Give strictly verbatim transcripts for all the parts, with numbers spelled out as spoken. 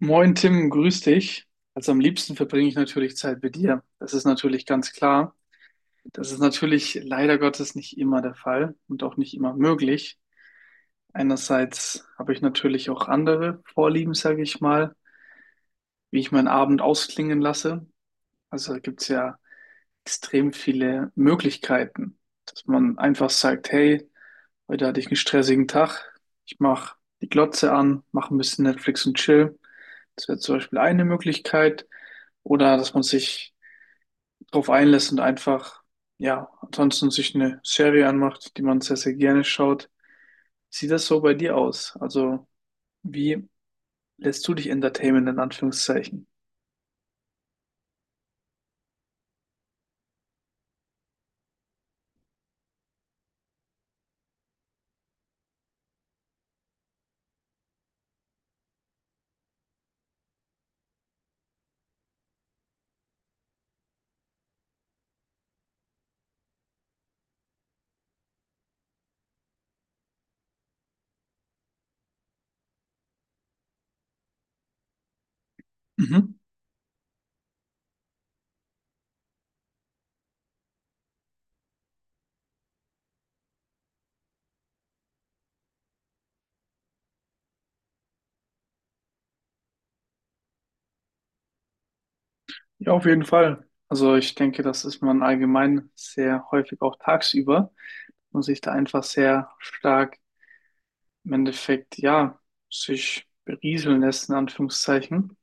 Moin Tim, grüß dich. Also am liebsten verbringe ich natürlich Zeit mit dir. Das ist natürlich ganz klar. Das ist natürlich leider Gottes nicht immer der Fall und auch nicht immer möglich. Einerseits habe ich natürlich auch andere Vorlieben, sage ich mal, wie ich meinen Abend ausklingen lasse. Also gibt es ja extrem viele Möglichkeiten, dass man einfach sagt, hey, heute hatte ich einen stressigen Tag, ich mache die Glotze an, mache ein bisschen Netflix und chill. Das wäre zum Beispiel eine Möglichkeit. Oder dass man sich darauf einlässt und einfach, ja, ansonsten sich eine Serie anmacht, die man sehr, sehr gerne schaut. Sieht das so bei dir aus? Also, wie lässt du dich entertainen, in Anführungszeichen? Mhm. Ja, auf jeden Fall. Also ich denke, das ist man allgemein sehr häufig auch tagsüber und sich da einfach sehr stark im Endeffekt, ja, sich berieseln lässt, in Anführungszeichen.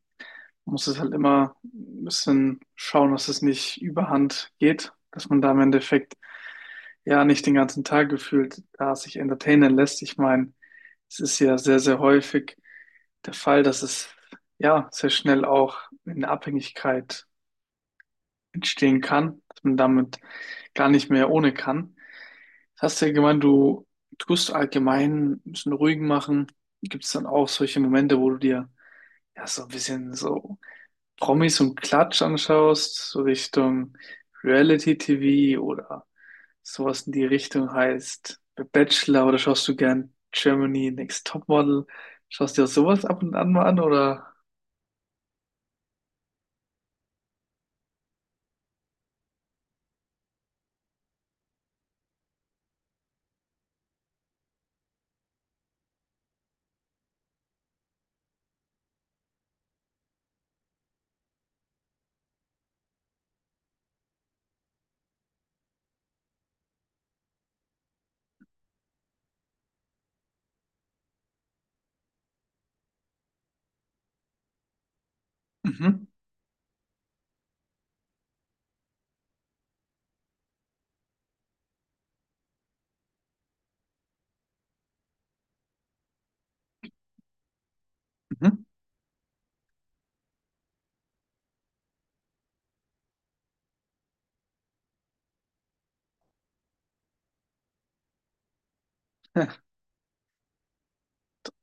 Man muss es halt immer ein bisschen schauen, dass es nicht überhand geht, dass man da im Endeffekt ja nicht den ganzen Tag gefühlt da sich entertainen lässt. Ich meine, es ist ja sehr, sehr häufig der Fall, dass es ja sehr schnell auch in eine Abhängigkeit entstehen kann, dass man damit gar nicht mehr ohne kann. Jetzt hast du ja gemeint, du tust allgemein ein bisschen ruhig machen. Gibt es dann auch solche Momente, wo du dir ja so ein bisschen so Promis und Klatsch anschaust, so Richtung Reality-T V oder sowas in die Richtung heißt The Bachelor oder schaust du gern Germany Next Topmodel? Schaust du dir sowas ab und an mal an oder? Mhm, mhm. Ja,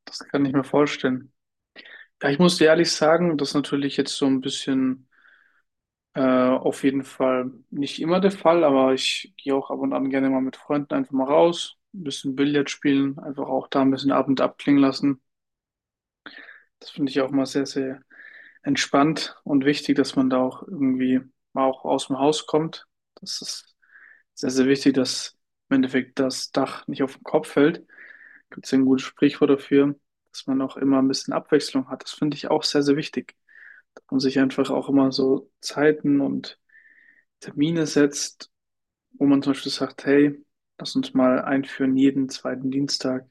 das kann ich mir vorstellen. Ja, ich muss dir ehrlich sagen, das ist natürlich jetzt so ein bisschen äh, auf jeden Fall nicht immer der Fall, aber ich gehe auch ab und an gerne mal mit Freunden einfach mal raus, ein bisschen Billard spielen, einfach auch da ein bisschen Abend abklingen lassen. Das finde ich auch mal sehr, sehr entspannt und wichtig, dass man da auch irgendwie mal auch aus dem Haus kommt. Das ist sehr, sehr wichtig, dass im Endeffekt das Dach nicht auf den Kopf fällt. Gibt es ein gutes Sprichwort dafür, dass man auch immer ein bisschen Abwechslung hat. Das finde ich auch sehr, sehr wichtig dass man sich einfach auch immer so Zeiten und Termine setzt, wo man zum Beispiel sagt, hey, lass uns mal einführen jeden zweiten Dienstag,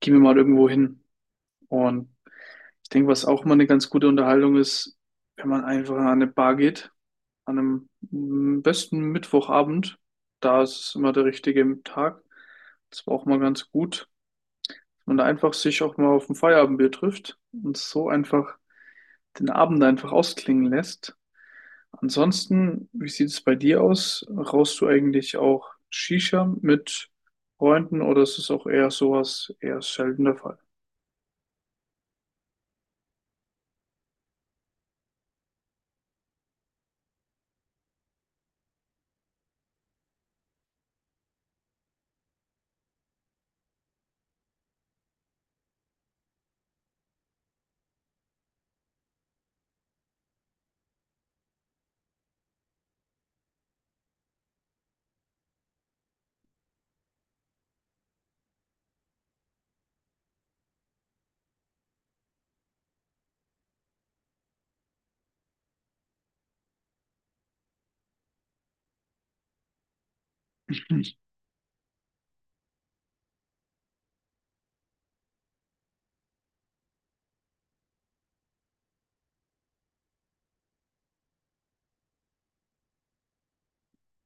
gehen wir mal irgendwo hin. Und ich denke, was auch mal eine ganz gute Unterhaltung ist, wenn man einfach an eine Bar geht, an einem mm, besten Mittwochabend, da ist es immer der richtige Tag. Das war auch mal ganz gut, wenn man da einfach sich auch mal auf ein Feierabendbier trifft und so einfach den Abend einfach ausklingen lässt. Ansonsten, wie sieht es bei dir aus? Rauchst du eigentlich auch Shisha mit Freunden oder ist es auch eher sowas, eher selten der Fall?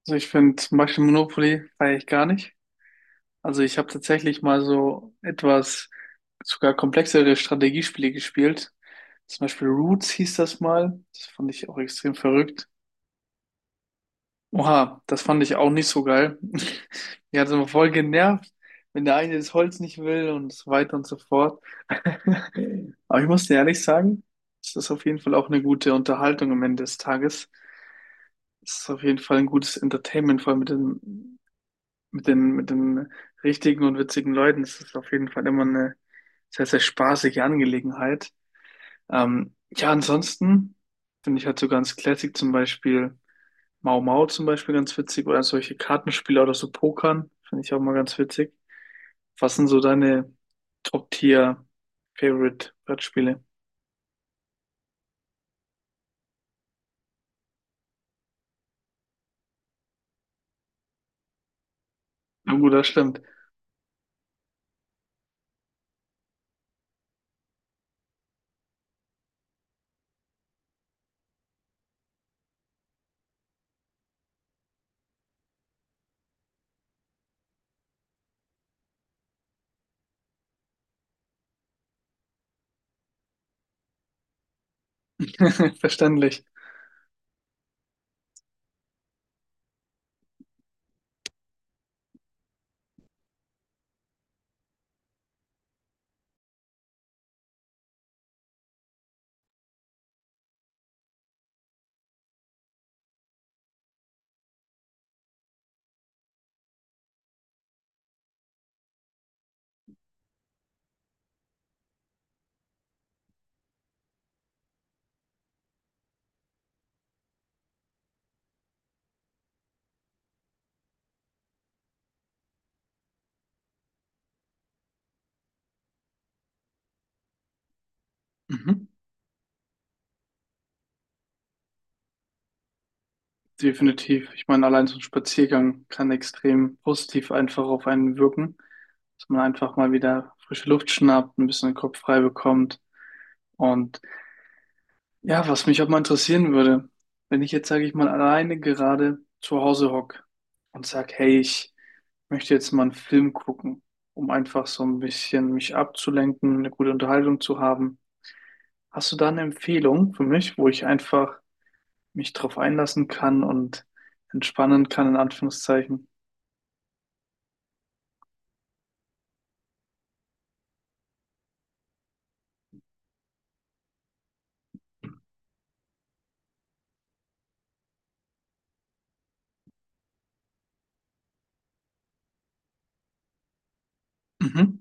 Also ich finde zum Beispiel Monopoly feiere ich gar nicht. Also ich habe tatsächlich mal so etwas sogar komplexere Strategiespiele gespielt. Zum Beispiel Roots hieß das mal. Das fand ich auch extrem verrückt. Oha, das fand ich auch nicht so geil. Mir hat es immer voll genervt, wenn der eine das Holz nicht will und so weiter und so fort. Aber ich muss dir ehrlich sagen, es ist auf jeden Fall auch eine gute Unterhaltung am Ende des Tages. Es ist auf jeden Fall ein gutes Entertainment, vor allem mit den, mit den, mit den richtigen und witzigen Leuten. Es ist auf jeden Fall immer eine sehr, sehr spaßige Angelegenheit. Ähm, ja, ansonsten finde ich halt so ganz classic zum Beispiel. Mau Mau zum Beispiel ganz witzig oder solche Kartenspiele oder so Pokern, finde ich auch mal ganz witzig. Was sind so deine Top-Tier-Favorite-Brettspiele? Na gut, das stimmt. Verständlich. Mhm. Definitiv. Ich meine, allein so ein Spaziergang kann extrem positiv einfach auf einen wirken, dass man einfach mal wieder frische Luft schnappt, ein bisschen den Kopf frei bekommt. Und ja, was mich auch mal interessieren würde, wenn ich jetzt, sage ich mal, alleine gerade zu Hause hocke und sage, hey, ich möchte jetzt mal einen Film gucken, um einfach so ein bisschen mich abzulenken, eine gute Unterhaltung zu haben. Hast du da eine Empfehlung für mich, wo ich einfach mich drauf einlassen kann und entspannen kann, in Anführungszeichen? Mhm,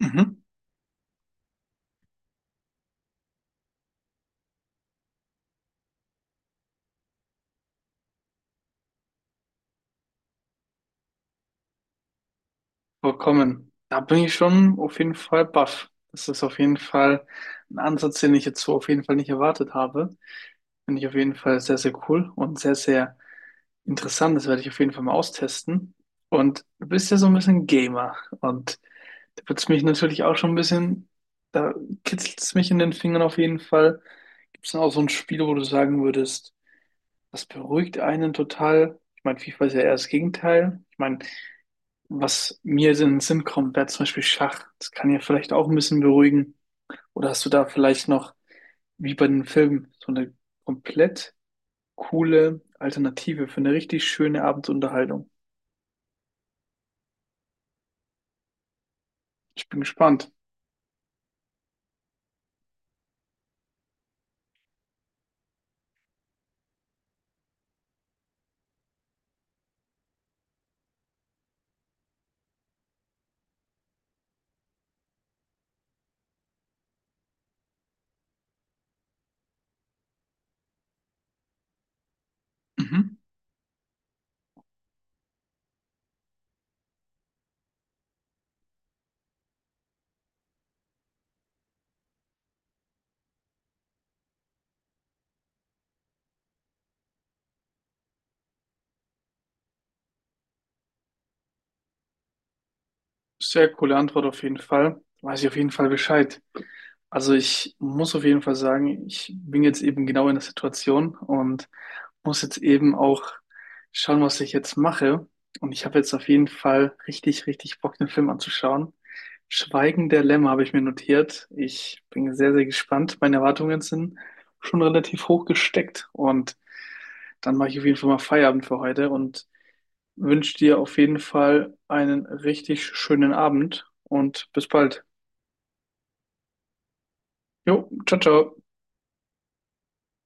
mhm, vollkommen. Da bin ich schon auf jeden Fall baff. Das ist auf jeden Fall ein Ansatz, den ich jetzt so auf jeden Fall nicht erwartet habe. Finde ich auf jeden Fall sehr, sehr cool und sehr, sehr Interessant, das werde ich auf jeden Fall mal austesten. Und du bist ja so ein bisschen Gamer und da wird's mich natürlich auch schon ein bisschen, da kitzelt es mich in den Fingern auf jeden Fall. Gibt es denn auch so ein Spiel, wo du sagen würdest, das beruhigt einen total? Ich meine, FIFA ist ja eher das Gegenteil. Ich meine, was mir in den Sinn kommt, wäre zum Beispiel Schach. Das kann ja vielleicht auch ein bisschen beruhigen. Oder hast du da vielleicht noch, wie bei den Filmen, so eine komplett coole Alternative für eine richtig schöne Abendsunterhaltung? Ich bin gespannt. Mhm. Sehr coole Antwort auf jeden Fall. Weiß ich auf jeden Fall Bescheid. Also ich muss auf jeden Fall sagen, ich bin jetzt eben genau in der Situation und muss jetzt eben auch schauen, was ich jetzt mache. Und ich habe jetzt auf jeden Fall richtig, richtig Bock, den Film anzuschauen. Schweigen der Lämmer habe ich mir notiert. Ich bin sehr, sehr gespannt. Meine Erwartungen sind schon relativ hoch gesteckt und dann mache ich auf jeden Fall mal Feierabend für heute und wünsche dir auf jeden Fall einen richtig schönen Abend und bis bald. Jo, ciao, ciao.